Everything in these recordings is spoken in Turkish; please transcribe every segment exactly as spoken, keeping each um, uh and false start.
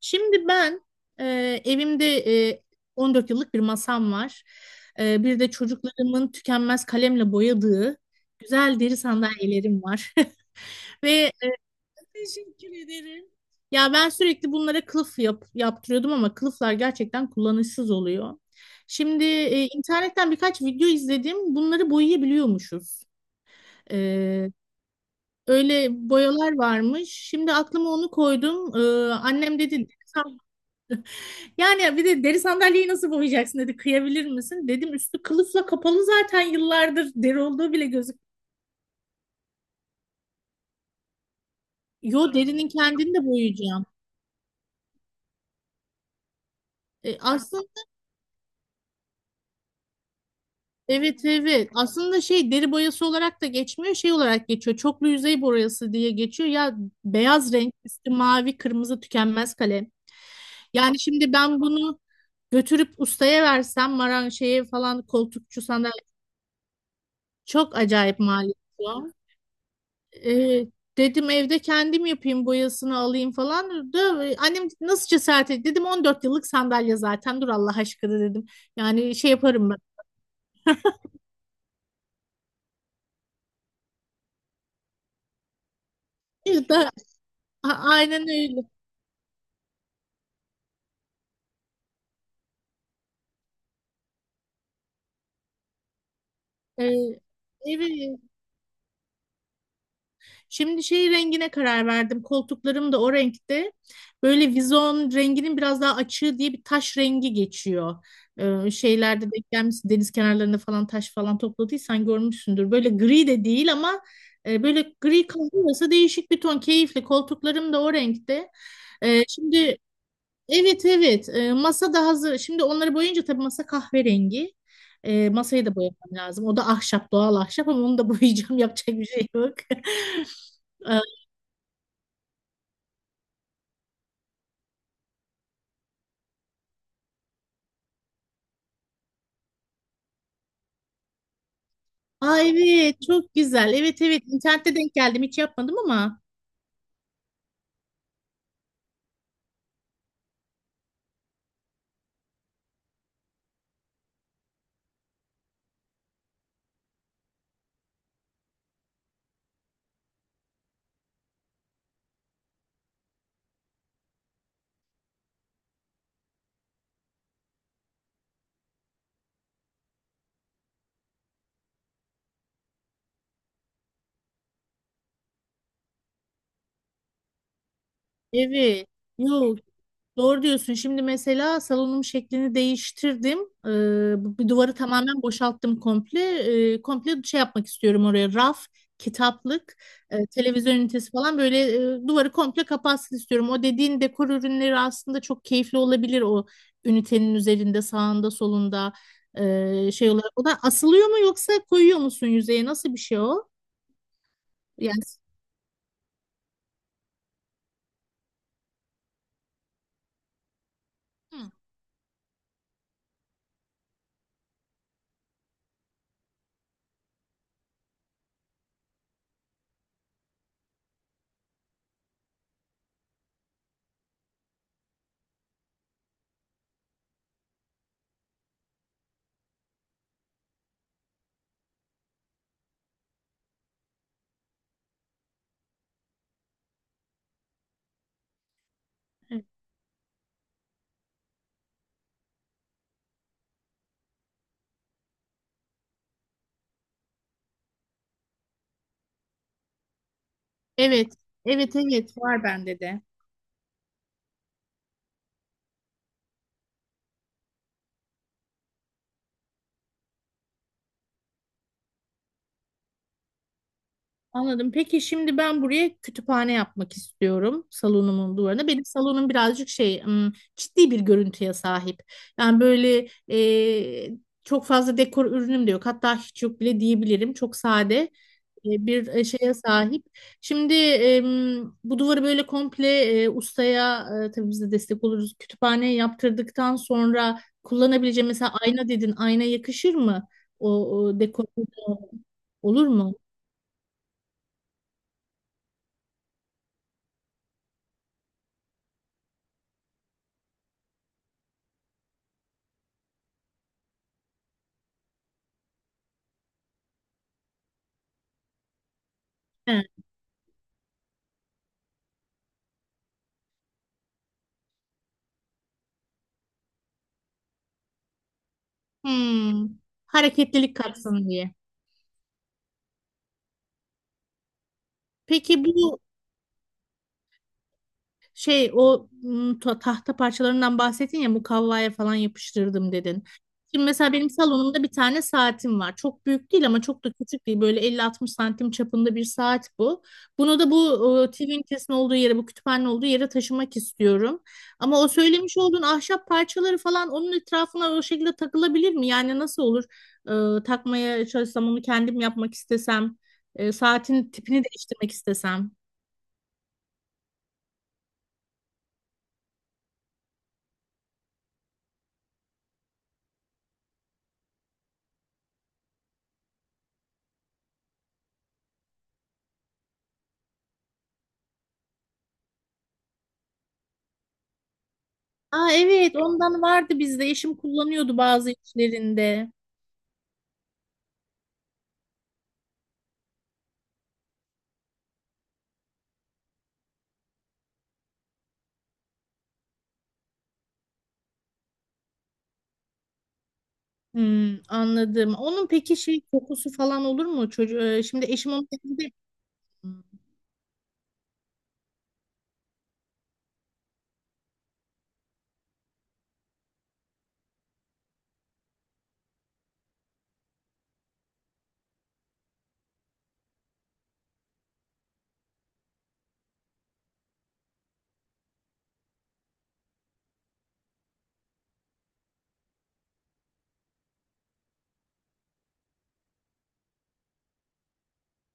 Şimdi ben e, evimde e, on dört yıllık bir masam var. E, bir de çocuklarımın tükenmez kalemle boyadığı güzel deri sandalyelerim var. Ve e, Teşekkür ederim. ya ben sürekli bunlara kılıf yap, yaptırıyordum ama kılıflar gerçekten kullanışsız oluyor. Şimdi e, internetten birkaç video izledim. Bunları boyayabiliyormuşuz. E, öyle boyalar varmış. Şimdi aklıma onu koydum. E, annem dedi, yani bir de deri sandalyeyi nasıl boyayacaksın, dedi. Kıyabilir misin? Dedim üstü kılıfla kapalı zaten yıllardır. Deri olduğu bile gözük. Yo, derinin kendini de boyayacağım. E, aslında evet, evet. Aslında şey, deri boyası olarak da geçmiyor. Şey olarak geçiyor. Çoklu yüzey boyası diye geçiyor. Ya, beyaz renk üstü mavi kırmızı tükenmez kalem. Yani şimdi ben bunu götürüp ustaya versem, maran şeye falan, koltukçu sandalye, çok acayip maliyet. Evet, dedim evde kendim yapayım, boyasını alayım falan. Da, annem nasıl cesaret etti? Dedim on dört yıllık sandalye zaten, dur Allah aşkına, dedim. Yani şey yaparım ben. Da, a- aynen öyle. Ee, evet, şimdi şey rengine karar verdim. Koltuklarım da o renkte. Böyle vizon renginin biraz daha açığı diye bir taş rengi geçiyor. Ee, şeylerde denk gelmişsin. Deniz kenarlarında falan taş falan topladıysan görmüşsündür. Böyle gri de değil ama e, böyle gri kahve arası değişik bir ton. Keyifli. Koltuklarım da o renkte. Ee, şimdi, evet, evet. E, masa da hazır. Şimdi onları boyayınca tabii masa kahverengi. E, masayı da boyamam lazım. O da ahşap, doğal ahşap, ama onu da boyayacağım, yapacak bir şey yok. E, Aa, evet, çok güzel. Evet, evet, internette denk geldim, hiç yapmadım ama. Evet. Yok, doğru diyorsun. Şimdi mesela salonum şeklini değiştirdim. Ee, bu- bir duvarı tamamen boşalttım komple. Ee, komple şey yapmak istiyorum oraya. Raf, kitaplık, e, televizyon ünitesi falan, böyle e, duvarı komple kapatsın istiyorum. O dediğin dekor ürünleri aslında çok keyifli olabilir, o ünitenin üzerinde, sağında, solunda, e, şey olarak. O da asılıyor mu, yoksa koyuyor musun yüzeye? Nasıl bir şey o? Yani, hı, evet. Evet, evet, evet var bende de. Anladım. Peki şimdi ben buraya kütüphane yapmak istiyorum, salonumun duvarına. Benim salonum birazcık şey, ım, ciddi bir görüntüye sahip. Yani böyle, e, çok fazla dekor ürünüm de yok. Hatta hiç yok bile diyebilirim. Çok sade e, bir e, şeye sahip. Şimdi em, bu duvarı böyle komple, e, ustaya, e, tabii biz de destek oluruz. Kütüphane yaptırdıktan sonra kullanabileceğim, mesela ayna dedin. Ayna yakışır mı? O, o dekor olur mu? Hmm, hareketlilik katsın diye. Peki bu, Şey o m, ta- tahta parçalarından bahsettin ya, mukavvaya falan yapıştırdım dedin. Şimdi mesela benim salonumda bir tane saatim var. Çok büyük değil ama çok da küçük değil. Böyle elli altmış santim çapında bir saat bu. Bunu da bu, e, T V ünitesinin olduğu yere, bu kütüphanenin olduğu yere taşımak istiyorum. Ama o söylemiş olduğun ahşap parçaları falan onun etrafına o şekilde takılabilir mi? Yani nasıl olur? E, takmaya çalışsam onu kendim yapmak istesem, e, saatin tipini değiştirmek istesem. Aa, evet, ondan vardı bizde. Eşim kullanıyordu bazı işlerinde. Hmm, anladım. Onun peki şey kokusu falan olur mu? Çocuğu, e, şimdi eşim onu elinde.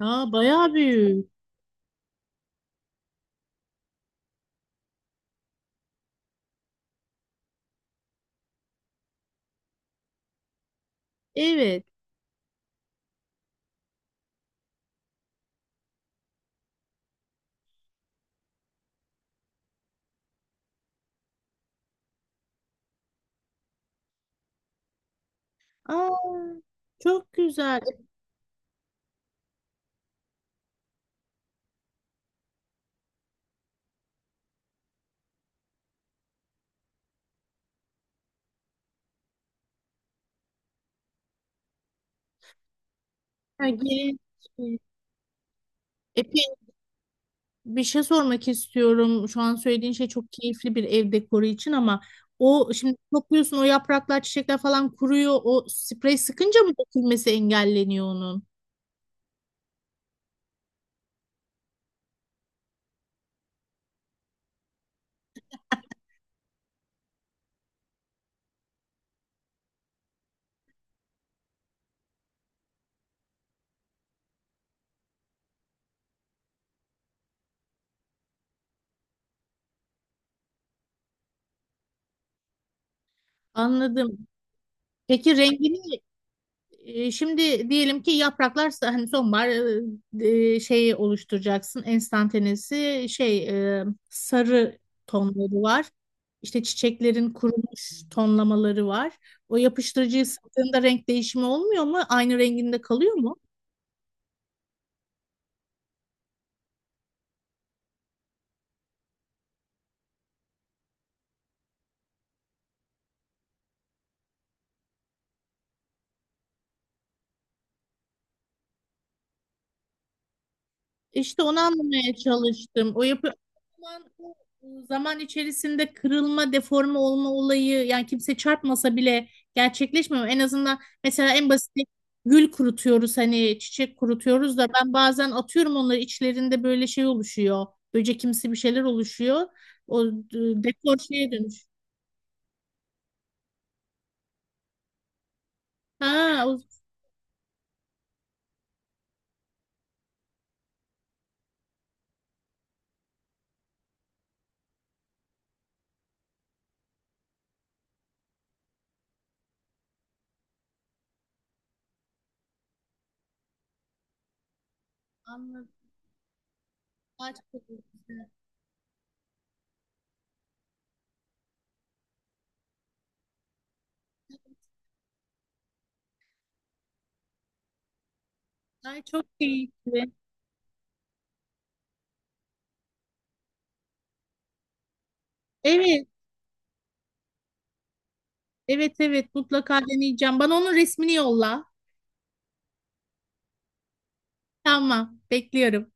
Aa, bayağı büyük. Evet. Aa, çok güzel. Epey geniş. Epey Bir şey sormak istiyorum. Şu an söylediğin şey çok keyifli bir ev dekoru için ama o şimdi topluyorsun, o yapraklar, çiçekler falan kuruyor. O sprey sıkınca mı dökülmesi engelleniyor onun? Anladım. Peki rengini, e, şimdi diyelim ki yapraklar sa- hani sonbahar e, e, şeyi oluşturacaksın. Enstantanesi şey, e, sarı tonları var. İşte çiçeklerin kurumuş tonlamaları var. O yapıştırıcıyı sıktığında renk değişimi olmuyor mu? Aynı renginde kalıyor mu? İşte onu anlamaya çalıştım. O yapı o zaman, O zaman içerisinde kırılma, deforme olma olayı, yani kimse çarpmasa bile gerçekleşmiyor. En azından mesela en basit gül kurutuyoruz, hani çiçek kurutuyoruz da ben bazen atıyorum onları, içlerinde böyle şey oluşuyor. Böcekimsi bir şeyler oluşuyor. O e, dekor şeye dönüş. Ha, o anladım. Ay, çok güzel. Ay, çok keyifli. Evet, evet, evet, mutlaka deneyeceğim. Bana onun resmini yolla. Tamam, bekliyorum.